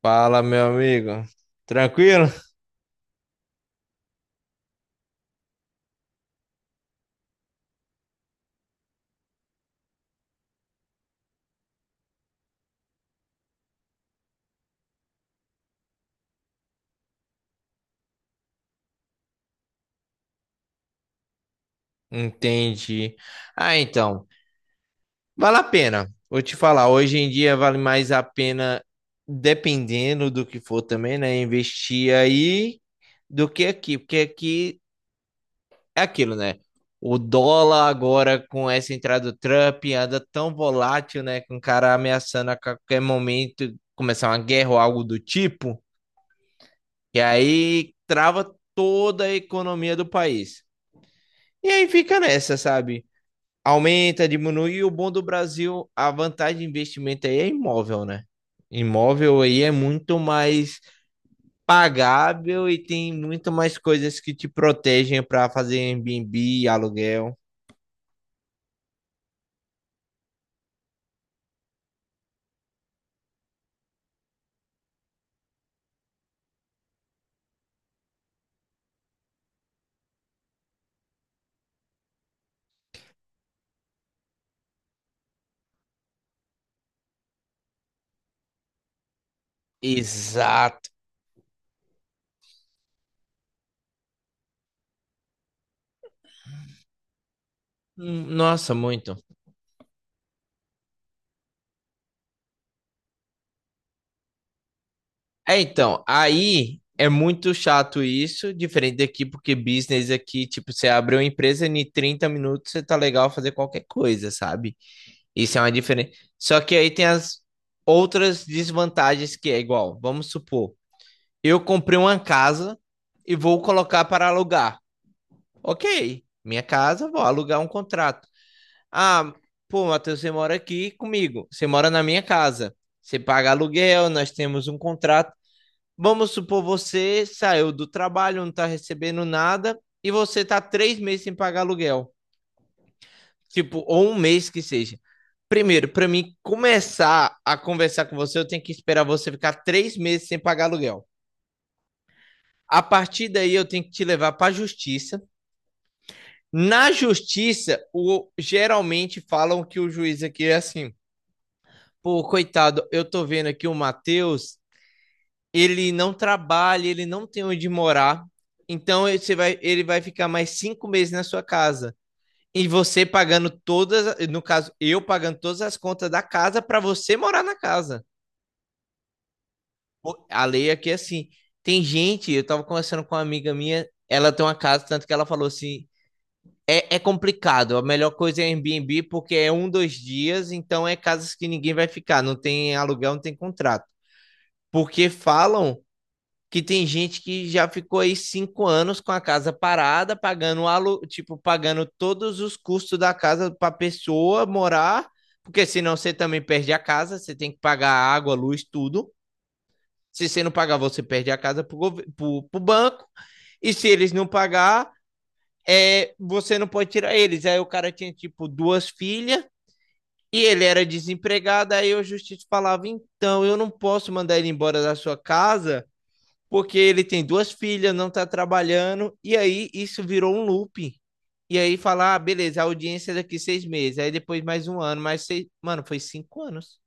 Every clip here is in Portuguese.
Fala, meu amigo. Tranquilo? Entendi. Ah, então, vale a pena. Vou te falar, hoje em dia vale mais a pena, dependendo do que for também, né? Investir aí do que aqui, porque aqui é aquilo, né? O dólar agora com essa entrada do Trump anda tão volátil, né? Com o cara ameaçando a qualquer momento começar uma guerra ou algo do tipo, e aí trava toda a economia do país. E aí fica nessa, sabe? Aumenta, diminui. E o bom do Brasil, a vantagem de investimento aí é imóvel, né? Imóvel aí é muito mais pagável e tem muito mais coisas que te protegem para fazer Airbnb, aluguel. Exato. Nossa, muito. É, então, aí é muito chato isso, diferente daqui, porque business aqui, tipo, você abre uma empresa e em 30 minutos você tá legal fazer qualquer coisa, sabe? Isso é uma diferença. Só que aí tem as outras desvantagens que é igual. Vamos supor, eu comprei uma casa e vou colocar para alugar. Ok, minha casa, vou alugar um contrato. Ah, pô, Matheus, você mora aqui comigo. Você mora na minha casa. Você paga aluguel, nós temos um contrato. Vamos supor, você saiu do trabalho, não está recebendo nada e você está 3 meses sem pagar aluguel. Tipo, ou um mês que seja. Primeiro, pra mim começar a conversar com você, eu tenho que esperar você ficar 3 meses sem pagar aluguel. A partir daí, eu tenho que te levar pra justiça. Na justiça, geralmente falam que o juiz aqui é assim. Pô, coitado, eu tô vendo aqui o Matheus, ele não trabalha, ele não tem onde morar. Então, você vai, ele vai ficar mais 5 meses na sua casa. E você pagando todas, no caso, eu pagando todas as contas da casa para você morar na casa. Pô, a lei aqui é assim. Tem gente, eu tava conversando com uma amiga minha, ela tem uma casa, tanto que ela falou assim: é complicado, a melhor coisa é Airbnb porque é um, 2 dias, então é casas que ninguém vai ficar, não tem aluguel, não tem contrato. Porque falam que tem gente que já ficou aí 5 anos com a casa parada, pagando tipo, pagando todos os custos da casa para a pessoa morar, porque senão você também perde a casa, você tem que pagar água, luz, tudo. Se você não pagar, você perde a casa para o banco. E se eles não pagar, você não pode tirar eles. Aí o cara tinha, tipo, duas filhas e ele era desempregado. Aí o justiça falava: então, eu não posso mandar ele embora da sua casa porque ele tem duas filhas, não tá trabalhando, e aí isso virou um looping. E aí falar, ah, beleza, a audiência é daqui 6 meses, aí depois mais um ano, mais seis. Mano, foi 5 anos.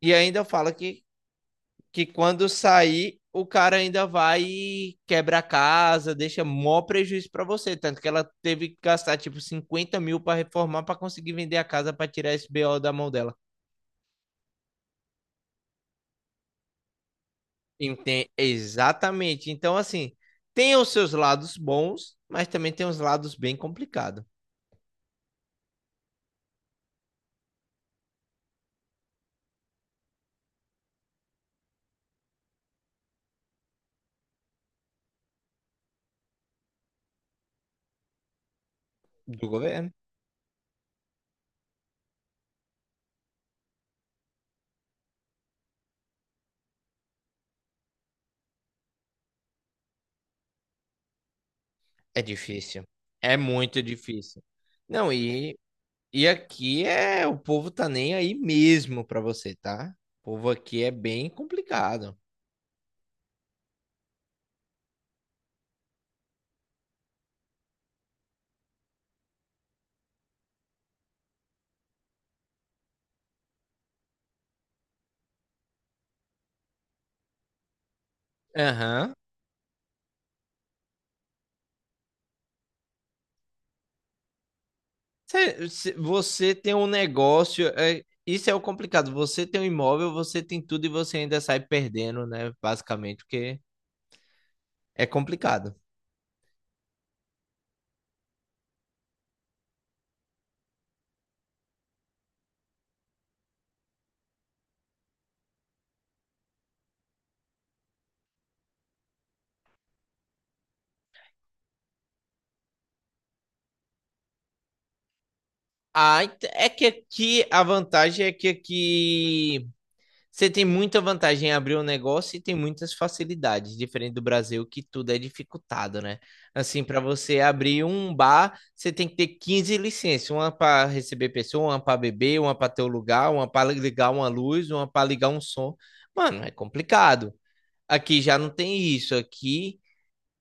E ainda fala que quando sair, o cara ainda vai e quebra a casa, deixa mó prejuízo pra você. Tanto que ela teve que gastar tipo 50 mil pra reformar pra conseguir vender a casa pra tirar esse BO da mão dela. Exatamente. Então, assim, tem os seus lados bons, mas também tem os lados bem complicados do governo. É difícil. É muito difícil. Não, e aqui é o povo tá nem aí mesmo pra você, tá? O povo aqui é bem complicado. Aham. Você tem um negócio, isso é o complicado. Você tem um imóvel, você tem tudo e você ainda sai perdendo, né? Basicamente, porque é complicado. Ah, é que aqui a vantagem é que aqui você tem muita vantagem em abrir um negócio e tem muitas facilidades, diferente do Brasil, que tudo é dificultado, né? Assim, para você abrir um bar, você tem que ter 15 licenças, uma para receber pessoa, uma para beber, uma para ter o lugar, uma para ligar uma luz, uma para ligar um som. Mano, é complicado. Aqui já não tem isso. Aqui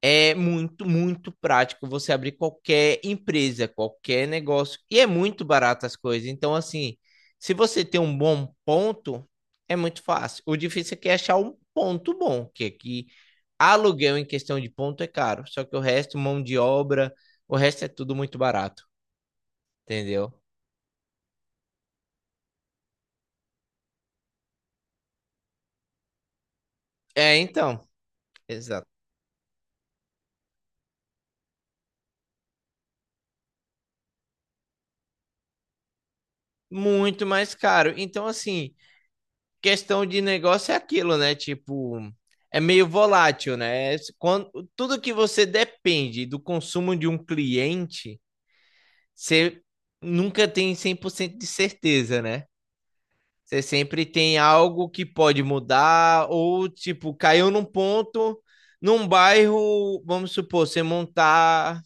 é muito, muito prático você abrir qualquer empresa, qualquer negócio. E é muito barato as coisas. Então, assim, se você tem um bom ponto, é muito fácil. O difícil é que é achar um ponto bom, que aqui aluguel em questão de ponto é caro. Só que o resto, mão de obra, o resto é tudo muito barato, entendeu? É, então, exato. Muito mais caro. Então, assim, questão de negócio é aquilo, né? Tipo, é meio volátil, né? Quando, tudo que você depende do consumo de um cliente, você nunca tem 100% de certeza, né? Você sempre tem algo que pode mudar, ou tipo, caiu num ponto, num bairro, vamos supor, você montar,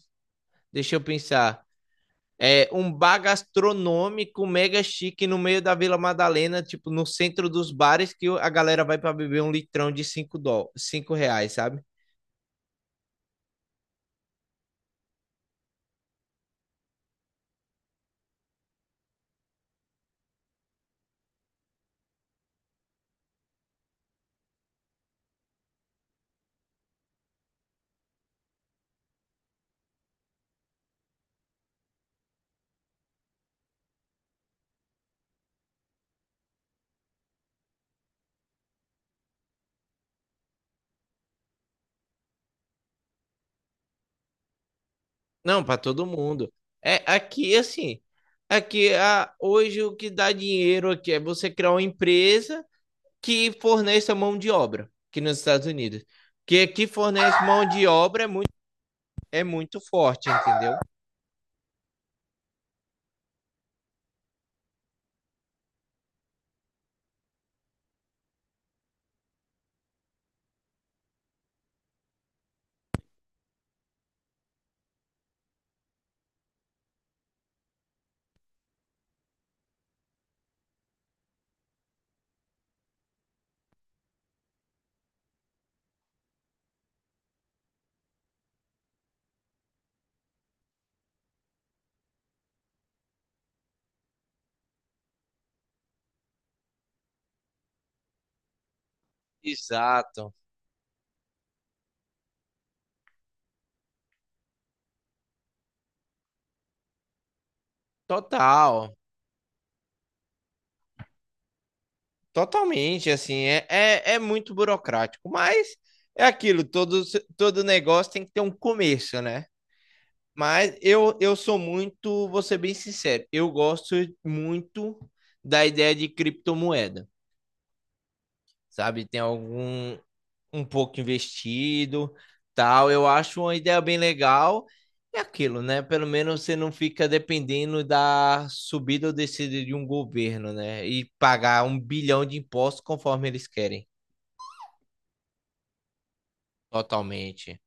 deixa eu pensar, um bar gastronômico mega chique no meio da Vila Madalena, tipo, no centro dos bares, que a galera vai para beber um litrão de R$ 5, sabe? Não, para todo mundo. É aqui assim, hoje o que dá dinheiro aqui é você criar uma empresa que forneça mão de obra aqui nos Estados Unidos. Que aqui fornece mão de obra é muito forte, entendeu? Exato. Total. Totalmente, assim, é muito burocrático, mas é aquilo, todo negócio tem que ter um começo, né? Mas eu sou muito, vou ser bem sincero, eu gosto muito da ideia de criptomoeda, sabe? Tem algum, um pouco investido, tal, eu acho uma ideia bem legal, é aquilo, né? Pelo menos você não fica dependendo da subida ou descida de um governo, né? E pagar um bilhão de impostos conforme eles querem. Totalmente.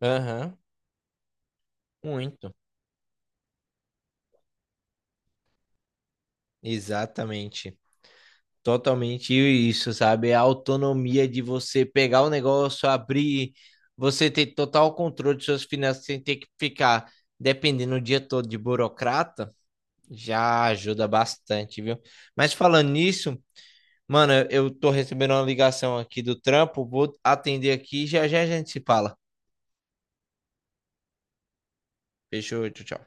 Aham, muito. Exatamente. Totalmente isso, sabe? É a autonomia de você pegar o negócio, abrir, você ter total controle de suas finanças sem ter que ficar dependendo o dia todo de burocrata, já ajuda bastante, viu? Mas falando nisso, mano, eu tô recebendo uma ligação aqui do trampo, vou atender aqui e já já a gente se fala. Fechou, tchau, tchau.